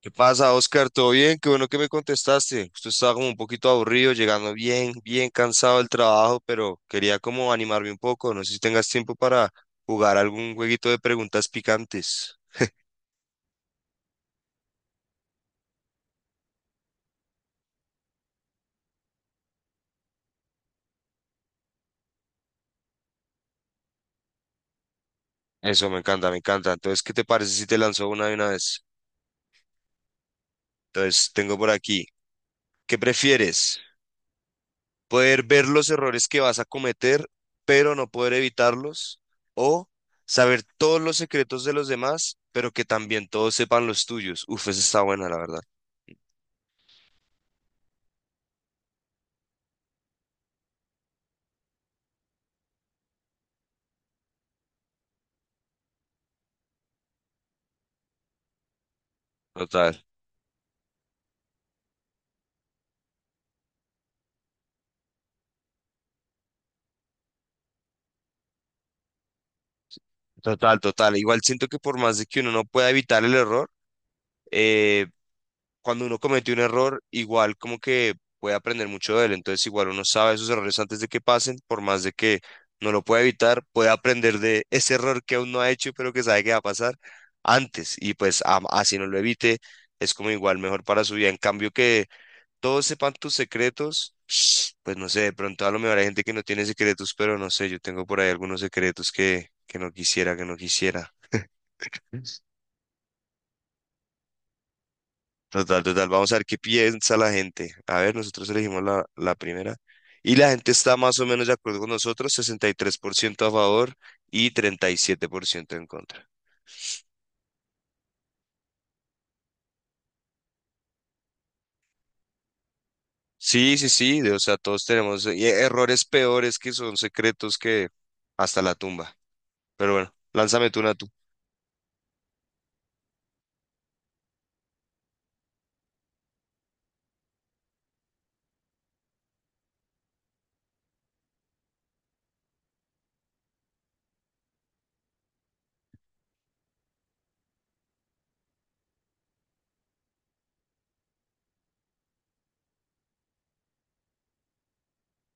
¿Qué pasa, Oscar? ¿Todo bien? Qué bueno que me contestaste. Justo estaba como un poquito aburrido, llegando bien, bien cansado del trabajo, pero quería como animarme un poco. No sé si tengas tiempo para jugar algún jueguito de preguntas picantes. Eso me encanta, me encanta. Entonces, ¿qué te parece si te lanzo una de una vez? Entonces, tengo por aquí. ¿Qué prefieres? ¿Poder ver los errores que vas a cometer, pero no poder evitarlos? ¿O saber todos los secretos de los demás, pero que también todos sepan los tuyos? Uf, esa está buena, la verdad. Total. Total, total. Igual siento que por más de que uno no pueda evitar el error, eh, cuando uno comete un error, igual como que puede aprender mucho de él. Entonces, igual uno sabe esos errores antes de que pasen, por más de que no lo pueda evitar, puede aprender de ese error que aún no ha hecho, pero que sabe que va a pasar antes. Y pues así no lo evite, es como igual mejor para su vida. En cambio, que todos sepan tus secretos, pues no sé, de pronto a lo mejor hay gente que no tiene secretos, pero no sé, yo tengo por ahí algunos secretos que no quisiera, que no quisiera. Total, total. Vamos a ver qué piensa la gente. A ver, nosotros elegimos la primera. Y la gente está más o menos de acuerdo con nosotros. 63% a favor y 37% en contra. Sí, sí, sí, o sea, todos tenemos errores peores que son secretos que hasta la tumba. Pero bueno, lánzame tú una tú.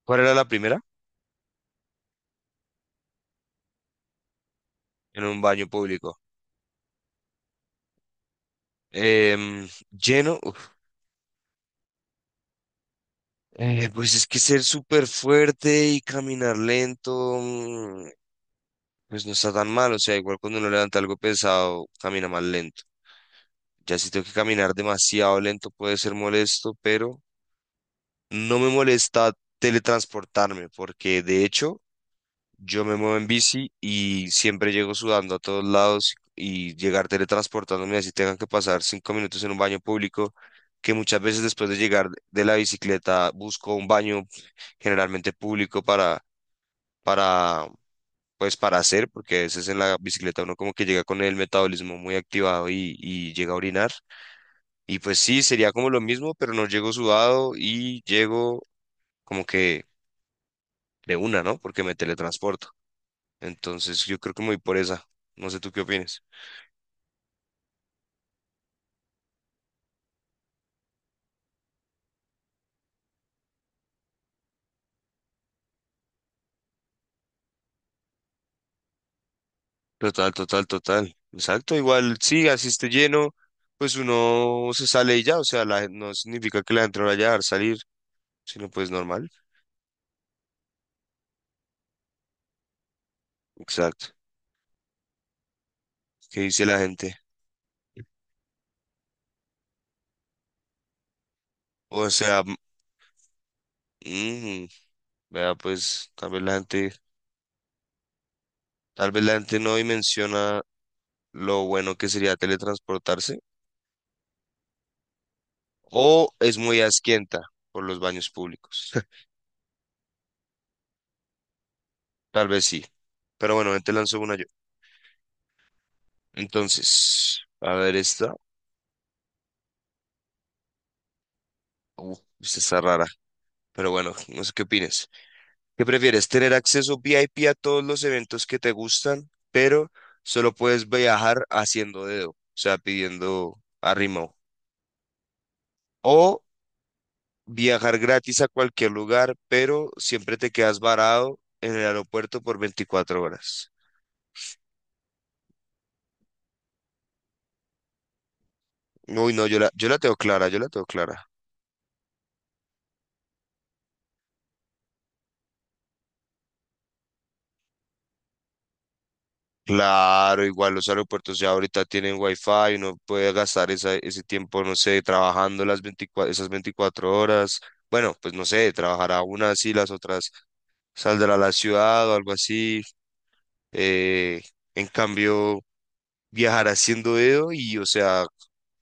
¿Cuál era la primera? En un baño público. Em, lleno. Uf. Pues es que ser súper fuerte y caminar lento. Pues no está tan mal, o sea, igual cuando uno levanta algo pesado, camina más lento. Ya si tengo que caminar demasiado lento puede ser molesto, pero no me molesta teletransportarme, porque de hecho yo me muevo en bici y siempre llego sudando a todos lados y llegar teletransportándome así tengan que pasar 5 minutos en un baño público, que muchas veces después de llegar de la bicicleta busco un baño generalmente público para pues para hacer, porque a veces en la bicicleta uno como que llega con el metabolismo muy activado y llega a orinar. Y pues sí, sería como lo mismo, pero no llego sudado y llego como que de una, ¿no? Porque me teletransporto. Entonces yo creo que me voy por esa. No sé tú qué opinas. Total, total, total. Exacto, igual sí, así esté lleno, pues uno se sale y ya, o sea, no significa que la gente no vaya a dejar salir, sino pues normal. Exacto. ¿Qué dice la gente? O sea, mm, Vea, pues tal vez la gente, tal vez la gente no dimensiona lo bueno que sería teletransportarse o es muy asquienta por los baños públicos. Tal vez sí. Pero bueno, ven, te lanzo una yo. Entonces, a ver esta. Uf, esta está rara. Pero bueno, no sé qué opinas. ¿Qué prefieres? ¿Tener acceso VIP a todos los eventos que te gustan, pero solo puedes viajar haciendo dedo? O sea, pidiendo arrimo. ¿O viajar gratis a cualquier lugar, pero siempre te quedas varado en el aeropuerto por 24 horas? Uy, no, yo la, yo la tengo clara, yo la tengo clara. Claro, igual los aeropuertos ya ahorita tienen wifi, uno puede gastar ese tiempo, no sé, trabajando las 24, esas 24 horas. Bueno, pues no sé, trabajará unas y las otras saldrá a la ciudad o algo así. Eh, en cambio, viajar haciendo dedo y, o sea,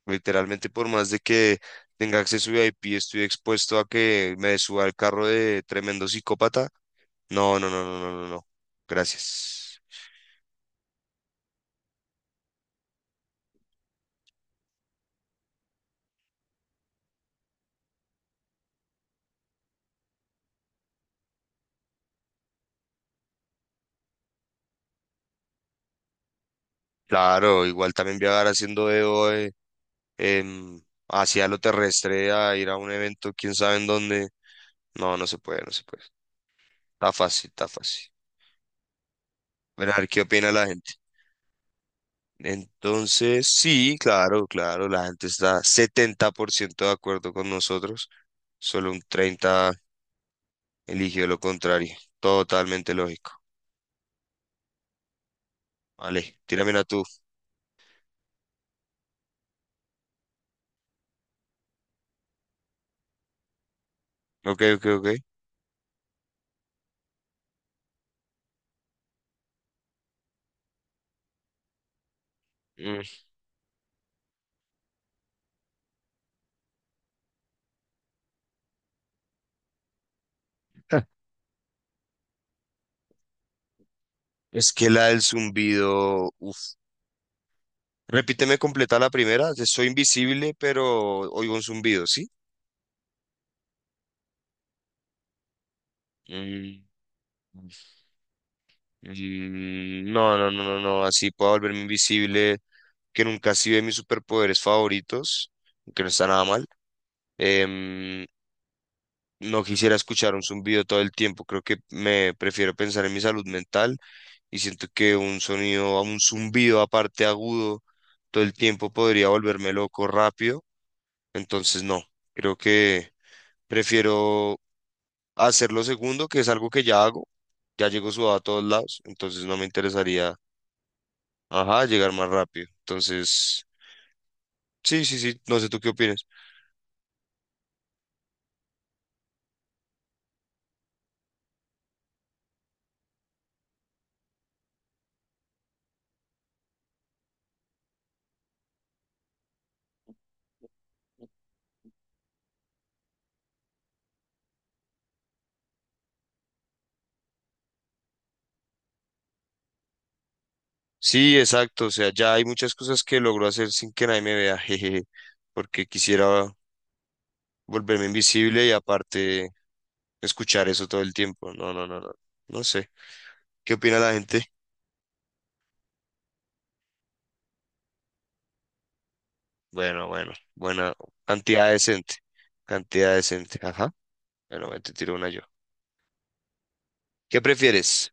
literalmente, por más de que tenga acceso VIP, estoy expuesto a que me suba al carro de tremendo psicópata. No, no, no, no, no, no, no. Gracias. Claro, igual también viajar haciendo dedo em, hacia lo terrestre a ir a un evento, quién sabe en dónde. No, no se puede, no se puede. Está fácil, está fácil. Bueno, a ver qué opina la gente. Entonces, sí, claro, claro, la gente está 70% de acuerdo con nosotros, solo un 30 eligió lo contrario. Totalmente lógico. Vale, tírame una tú. Ok, ok, ok. Mm, Es que la del zumbido. Uf. Repíteme completa la primera. De Soy invisible, pero oigo un zumbido, ¿sí? Mm, No, no, no, no, no. Así puedo volverme invisible. Que nunca así de mis superpoderes favoritos. Que no está nada mal. Em, no quisiera escuchar un zumbido todo el tiempo. Creo que me prefiero pensar en mi salud mental, y siento que un sonido, un zumbido aparte agudo todo el tiempo podría volverme loco rápido. Entonces no, creo que prefiero hacerlo segundo, que es algo que ya hago. Ya llego sudado a todos lados, entonces no me interesaría, ajá, llegar más rápido. Entonces, sí, sí, sí, no sé tú qué opinas. Sí, exacto, o sea, ya hay muchas cosas que logro hacer sin que nadie me vea, jejeje, porque quisiera volverme invisible y aparte escuchar eso todo el tiempo. No, no, no, no, no sé. ¿Qué opina la gente? Bueno, bueno, buena cantidad decente, cantidad decente, ajá. Bueno, me te tiro una yo. ¿Qué prefieres?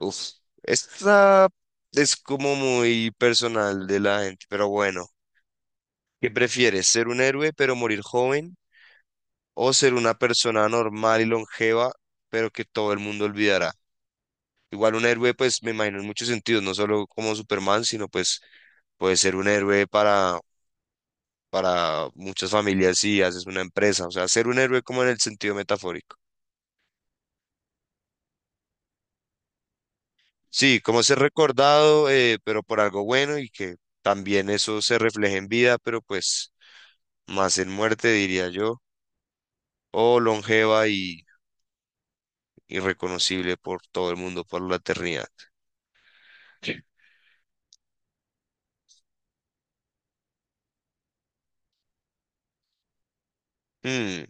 Uf, esta es como muy personal de la gente, pero bueno. ¿Qué prefieres? ¿Ser un héroe pero morir joven? ¿O ser una persona normal y longeva pero que todo el mundo olvidará? Igual un héroe, pues me imagino en muchos sentidos, no solo como Superman, sino pues puede ser un héroe para muchas familias si haces una empresa, o sea, ser un héroe como en el sentido metafórico. Sí, como ser recordado, pero por algo bueno y que también eso se refleje en vida, pero pues más en muerte, diría yo, o longeva y irreconocible por todo el mundo, por la eternidad. Sí. Mm,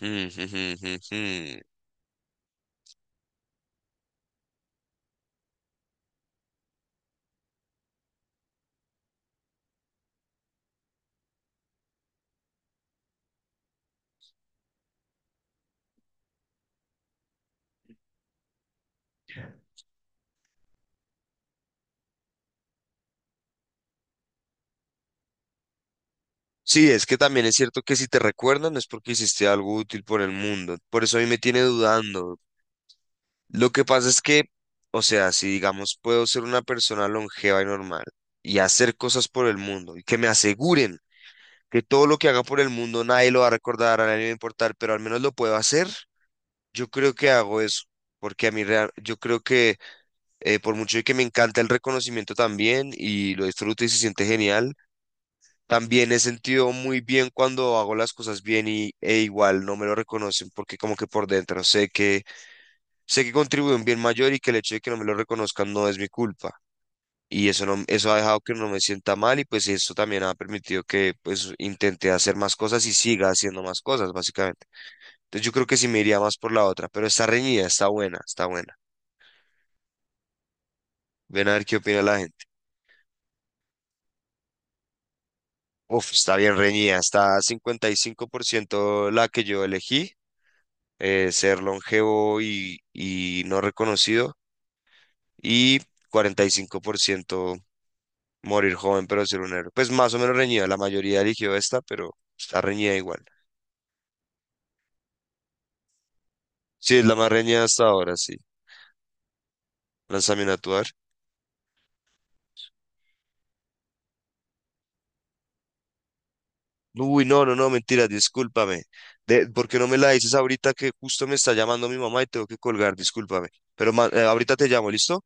mm, mm, mm, mm. Mm. Sí, es que también es cierto que si te recuerdan es porque hiciste algo útil por el mundo. Por eso a mí me tiene dudando. Lo que pasa es que, o sea, si digamos puedo ser una persona longeva y normal y hacer cosas por el mundo y que me aseguren que todo lo que haga por el mundo nadie lo va a recordar, a nadie le va a importar, pero al menos lo puedo hacer, yo creo que hago eso. Porque a mí, yo creo que por mucho de que me encanta el reconocimiento también y lo disfruto y se siente genial, también he sentido muy bien cuando hago las cosas bien y, e igual no me lo reconocen porque como que por dentro sé que sé que contribuye un bien mayor y que el hecho de que no me lo reconozcan no es mi culpa. Y eso, no, eso ha dejado que no me sienta mal y pues eso también ha permitido que pues intente hacer más cosas y siga haciendo más cosas, básicamente. Entonces yo creo que sí me iría más por la otra, pero está reñida, está buena, está buena. Ven a ver qué opina la gente. Uf, está bien reñida, está 55% la que yo elegí, ser longevo y no reconocido, y 45% morir joven, pero ser un héroe. Pues más o menos reñida. La mayoría eligió esta, pero está reñida igual. Sí, es la más reñida hasta ahora, sí. Lánzame a tuar. Uy, no, no, no, mentira, discúlpame. De, ¿por qué no me la dices ahorita que justo me está llamando mi mamá y tengo que colgar? Discúlpame. Pero ahorita te llamo, ¿listo?